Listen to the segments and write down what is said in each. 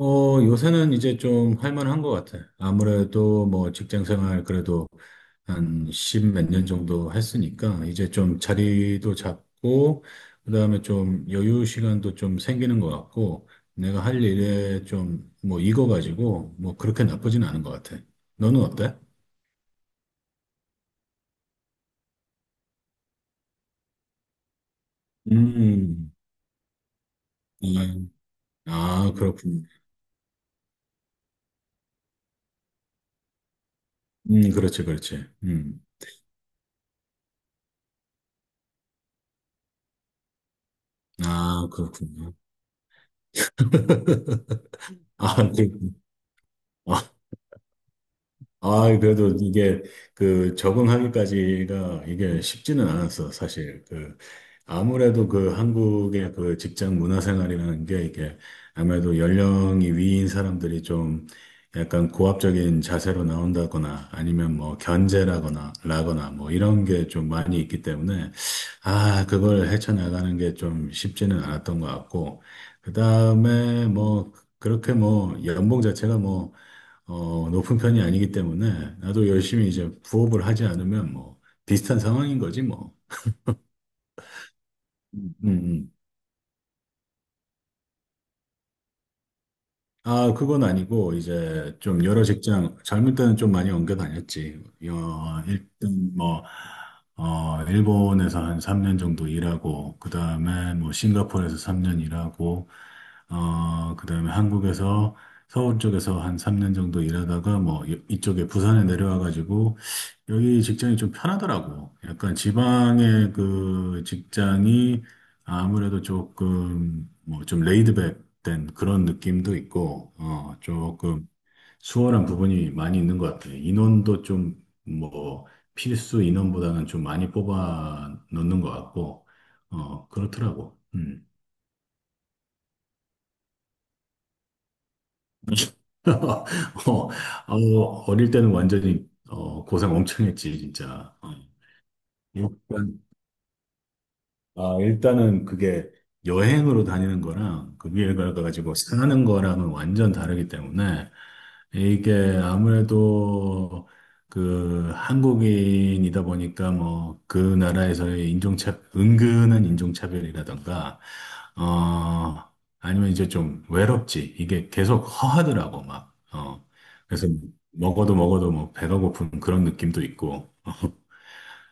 어, 요새는 이제 좀 할만한 것 같아. 아무래도 뭐 직장 생활 그래도 한 십 몇 년 정도 했으니까 이제 좀 자리도 잡고, 그다음에 좀 여유 시간도 좀 생기는 것 같고, 내가 할 일에 좀 뭐 익어가지고 뭐 그렇게 나쁘진 않은 것 같아. 너는 어때? 음, 예. 아, 그렇군. 그렇지, 그렇지. 아, 그렇군요. 아, 그렇군. 아, 아, 그래도 이게 그 적응하기까지가 이게 쉽지는 않았어, 사실. 그 아무래도 그 한국의 그 직장 문화 생활이라는 게 이게 아무래도 연령이 위인 사람들이 좀 약간 고압적인 자세로 나온다거나 아니면 뭐 견제라거나 라거나 뭐 이런 게 좀 많이 있기 때문에 아, 그걸 헤쳐나가는 게 좀 쉽지는 않았던 것 같고 그다음에 뭐 그렇게 뭐 연봉 자체가 뭐 어, 높은 편이 아니기 때문에 나도 열심히 이제 부업을 하지 않으면 뭐 비슷한 상황인 거지 뭐. 음, 음. 아, 그건 아니고, 이제 좀 여러 직장, 젊을 때는 좀 많이 옮겨 다녔지. 어, 일단 뭐, 어, 일본에서 한 3년 정도 일하고, 그 다음에 뭐, 싱가포르에서 3년 일하고, 어, 그 다음에 한국에서 서울 쪽에서 한 3년 정도 일하다가 뭐, 이쪽에 부산에 내려와가지고, 여기 직장이 좀 편하더라고. 약간 지방의 그 직장이 아무래도 조금, 뭐, 좀 레이드백, 된 그런 느낌도 있고, 어, 조금 수월한 부분이 많이 있는 것 같아요. 인원도 좀, 뭐, 필수 인원보다는 좀 많이 뽑아 넣는 것 같고, 어, 그렇더라고. 음. 어, 어, 어릴 때는 완전히, 어, 고생 엄청 했지, 진짜. 어. 아, 일단은 그게 여행으로 다니는 거랑 그 위에 가가지고 사는 거랑은 완전 다르기 때문에 이게 아무래도 그 한국인이다 보니까 뭐 그 나라에서의 은근한 인종차별이라던가, 어, 아니면 이제 좀 외롭지. 이게 계속 허하더라고, 막. 어, 그래서 먹어도 먹어도 뭐 배가 고픈 그런 느낌도 있고.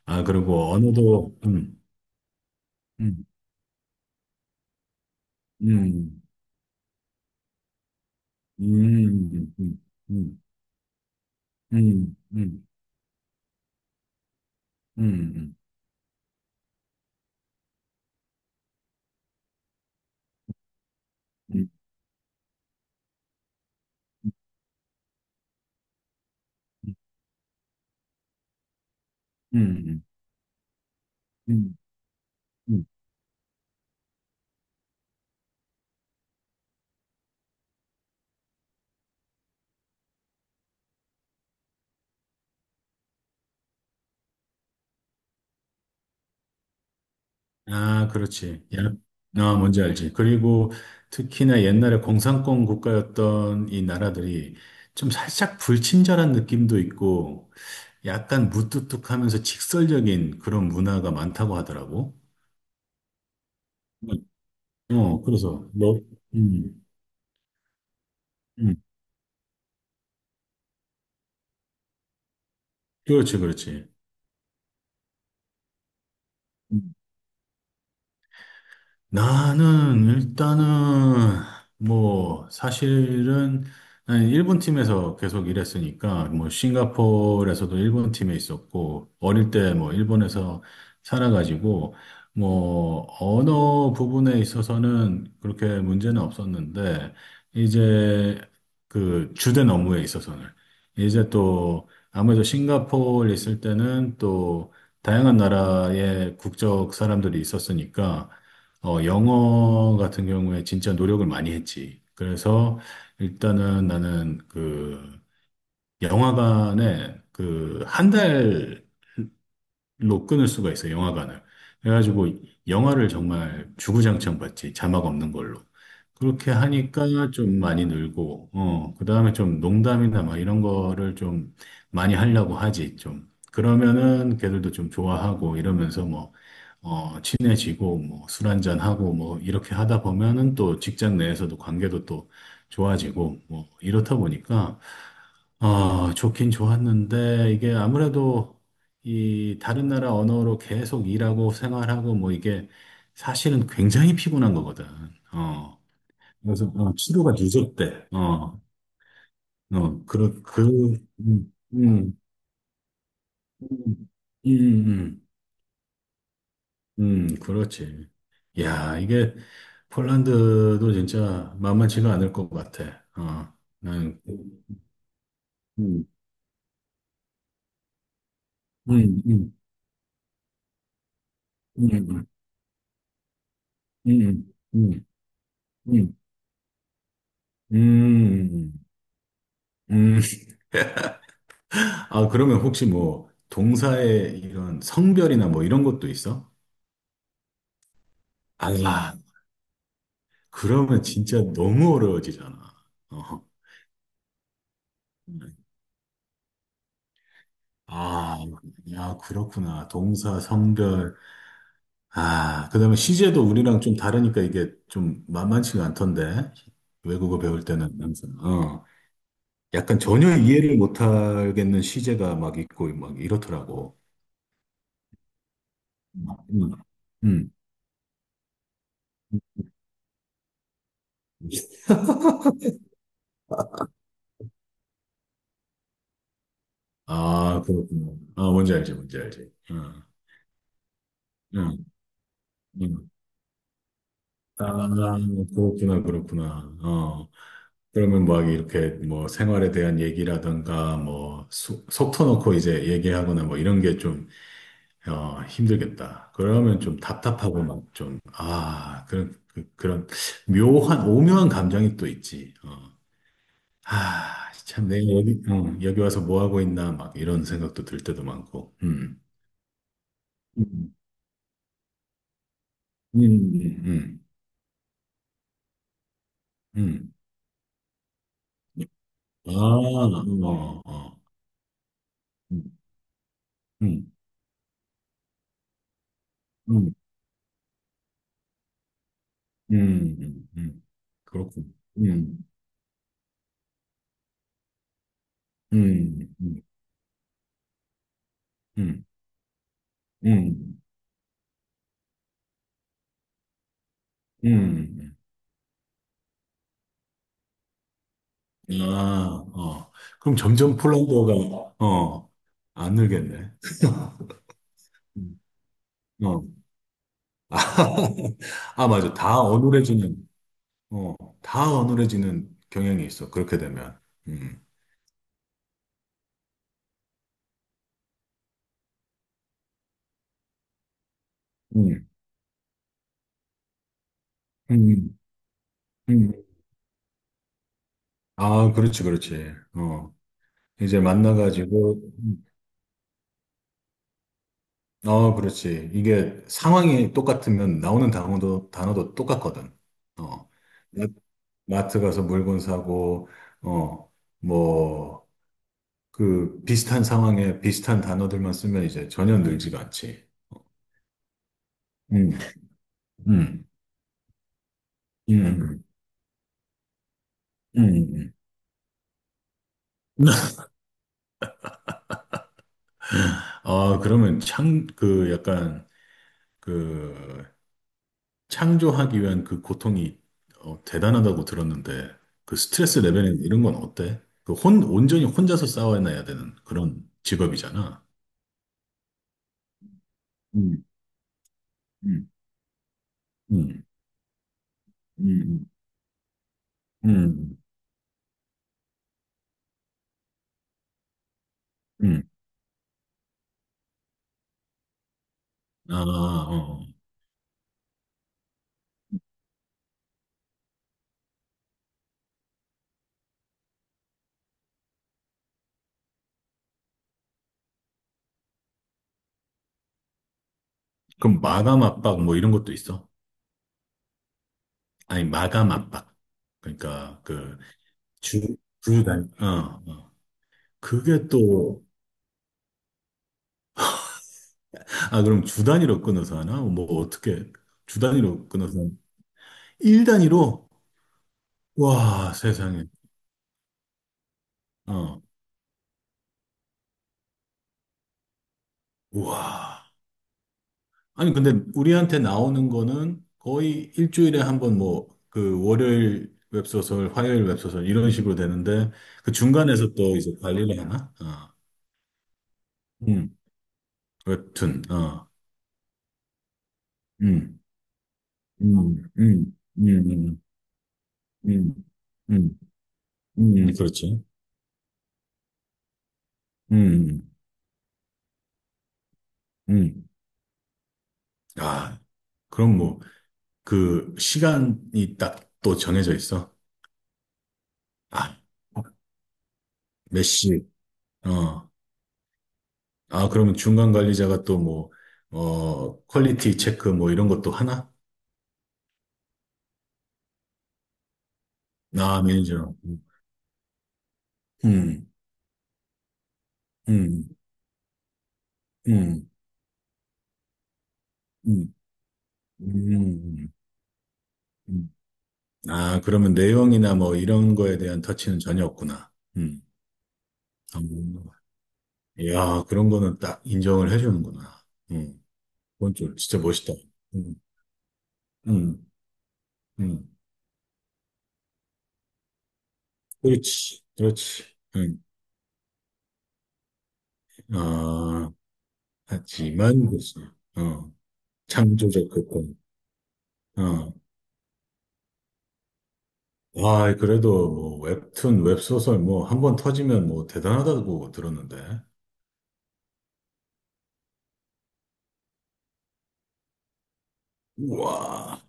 아, 그리고 언어도, 음, 음. 음, 음, 음, 음, 음, 음, 음, 음, 음, 음, 음. 음. 아, 그렇지. 야, 아, 뭔지 알지. 그리고 특히나 옛날에 공산권 국가였던 이 나라들이 좀 살짝 불친절한 느낌도 있고 약간 무뚝뚝하면서 직설적인 그런 문화가 많다고 하더라고. 어, 그래서 너, 음, 음, 그렇지, 그렇지. 나는 일단은 뭐 사실은 나는 일본 팀에서 계속 일했으니까 뭐 싱가포르에서도 일본 팀에 있었고 어릴 때 뭐 일본에서 살아가지고 뭐 언어 부분에 있어서는 그렇게 문제는 없었는데 이제 그 주된 업무에 있어서는 이제 또 아무래도 싱가포르 있을 때는 또 다양한 나라의 국적 사람들이 있었으니까 어, 영어 같은 경우에 진짜 노력을 많이 했지. 그래서 일단은 나는 그 영화관에 그한달 로 끊을 수가 있어요, 영화관을. 그래가지고 영화를 정말 주구장창 봤지, 자막 없는 걸로. 그렇게 하니까 좀 많이 늘고, 어, 그 다음에 좀 농담이나 막 이런 거를 좀 많이 하려고 하지, 좀. 그러면은 걔들도 좀 좋아하고 이러면서 뭐, 어, 친해지고 뭐 술 한잔하고 뭐 이렇게 하다 보면은 또 직장 내에서도 관계도 또 좋아지고 뭐 이렇다 보니까 아, 좋긴 좋았는데, 이게 아무래도 이 다른 나라 언어로 계속 일하고 생활하고 뭐 이게 사실은 굉장히 피곤한 거거든. 어. 그래서 어, 치료가 늦었대. 어. 어, 그렇 그 음, 음, 음, 음, 음, 그렇지. 야, 이게 폴란드도 진짜 만만치가 않을 것 같아. 어. 난 음, 음, 음, 음, 음, 음, 음, 음, 음. 아, 그러면 혹시 뭐 동사의 이런 성별이나 뭐 이런 것도 있어? 아, 아니, 그러면 진짜 너무 어려워지잖아. 어. 음. 아, 야, 그렇구나. 동사, 성별. 아, 그다음에 시제도 우리랑 좀 다르니까 이게 좀 만만치가 않던데. 외국어 배울 때는 항상. 어. 약간 전혀 이해를 못하겠는 시제가 막 있고 막 이렇더라고. 음. 음. 아, 그렇구나. 아, 뭔지 알지, 뭔지 알지. 어. 응, 음. 아, 그렇구나, 그렇구나. 어. 그러면 막 이렇게 뭐 생활에 대한 얘기라든가 뭐 속 터놓고 이제 얘기하거나 뭐 이런 게 좀, 어, 힘들겠다. 그러면 좀 답답하고 막 좀, 아, 그런, 그, 그런 묘한, 오묘한 감정이 또 있지. 어. 아, 참 내가 여기, 어, 여기 와서 뭐 하고 있나 막 이런 생각도 들 때도 많고. 음. 음. 음. 음. 음. 아, 어, 어. 음. 음. 음. 음, 음, 음. 그렇군. 음, 음, 음, 음, 음. 음. 아, 어. 그럼 점점 폴란드어가, 어, 안 늘겠네. 음, 어. 아, 아, 맞아. 다 어눌해지는, 어, 다 어눌해지는 경향이 있어. 그렇게 되면. 음, 음, 음, 음. 아, 그렇지, 그렇지. 어. 이제 만나가지고 어, 그렇지. 이게 상황이 똑같으면 나오는 단어도 똑같거든. 어, 마- 마트 가서 물건 사고, 어, 뭐, 그 비슷한 상황에 비슷한 단어들만 쓰면 이제 전혀 늘지가 않지. 어. 음, 음, 음, 음, 음. 아, 그러면 창, 그 약간, 그, 창조하기 위한 그 고통이 어, 대단하다고 들었는데 그 스트레스 레벨은 이런 건 어때? 그 온전히 혼자서 싸워내야 되는 그런 직업이잖아. 음, 음, 음, 음, 음, 음. 아, 어. 그럼 마감 압박 뭐 이런 것도 있어? 아니, 마감 압박. 그러니까 그 주, 주 단위. 어, 어. 그게 또, 아, 그럼 주 단위로 끊어서 하나? 뭐 어떻게 주 단위로 끊어서 하나? 일 단위로? 와, 세상에. 어. 우와. 아니, 근데 우리한테 나오는 거는 거의 일주일에 한번 뭐, 그 월요일 웹소설, 화요일 웹소설 이런 식으로 되는데 그 중간에서 또 이제 관리를 하나? 어. 음. 웹툰. 어. 음. 음. 음. 음. 음. 음. 음. 음. 음. 그렇지. 음. 음. 음. 아. 그럼 뭐 그 시간이 딱 또 정해져 있어. 아. 몇 시. 어. 아, 그러면 중간 관리자가 또 뭐, 어, 퀄리티 체크 뭐 이런 것도 하나? 나 아, 매니저. 음, 음, 음, 음, 음. 음. 아, 그러면 내용이나 뭐 이런 거에 대한 터치는 전혀 없구나. 음. 아, 야, 그런 거는 딱 인정을 해주는구나. 음. 그건 좀 진짜 멋있다. 음, 음, 음. 그렇지, 그렇지. 음. 아, 하지만, 그렇 어, 창조적 그건. 어. 와, 그래도 뭐 웹툰, 웹소설 뭐 한 번 터지면 뭐 대단하다고 들었는데. 우와.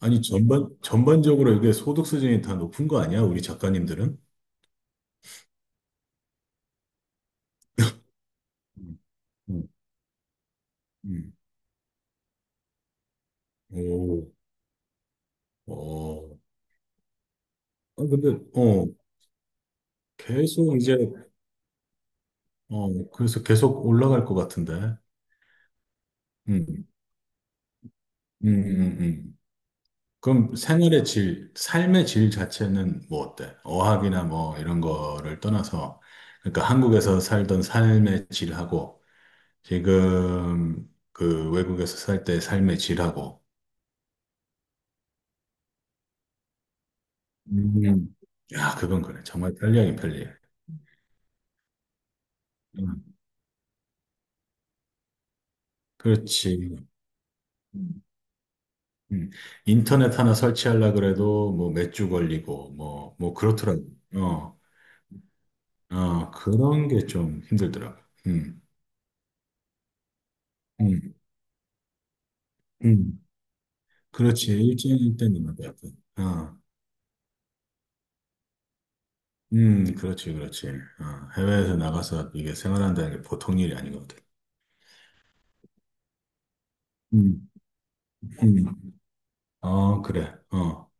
아니, 전반적으로 이게 소득 수준이 다 높은 거 아니야? 우리 작가님들은? 음, 음, 음. 오, 어. 아, 근데, 어, 계속 이제, 어, 그래서 계속 올라갈 것 같은데. 음, 음, 음, 음. 그럼 생활의 질, 삶의 질 자체는 뭐 어때? 어학이나 뭐 이런 거를 떠나서, 그러니까 한국에서 살던 삶의 질하고, 지금 그 외국에서 살 때 삶의 질하고. 음. 야, 그건 그래. 정말 편리하긴 편리해. 음, 그렇지. 음. 음. 인터넷 하나 설치하려 그래도 뭐 몇 주 걸리고 뭐, 뭐 그렇더라고. 어, 어, 그런 게 좀 힘들더라고. 음, 음, 음. 그렇지. 일정일 때는 맞아. 어, 그렇지, 그렇지. 어, 해외에서 나가서 이게 생활한다는 게 보통 일이 아니거든. 음, 음. 어, 그래. 어.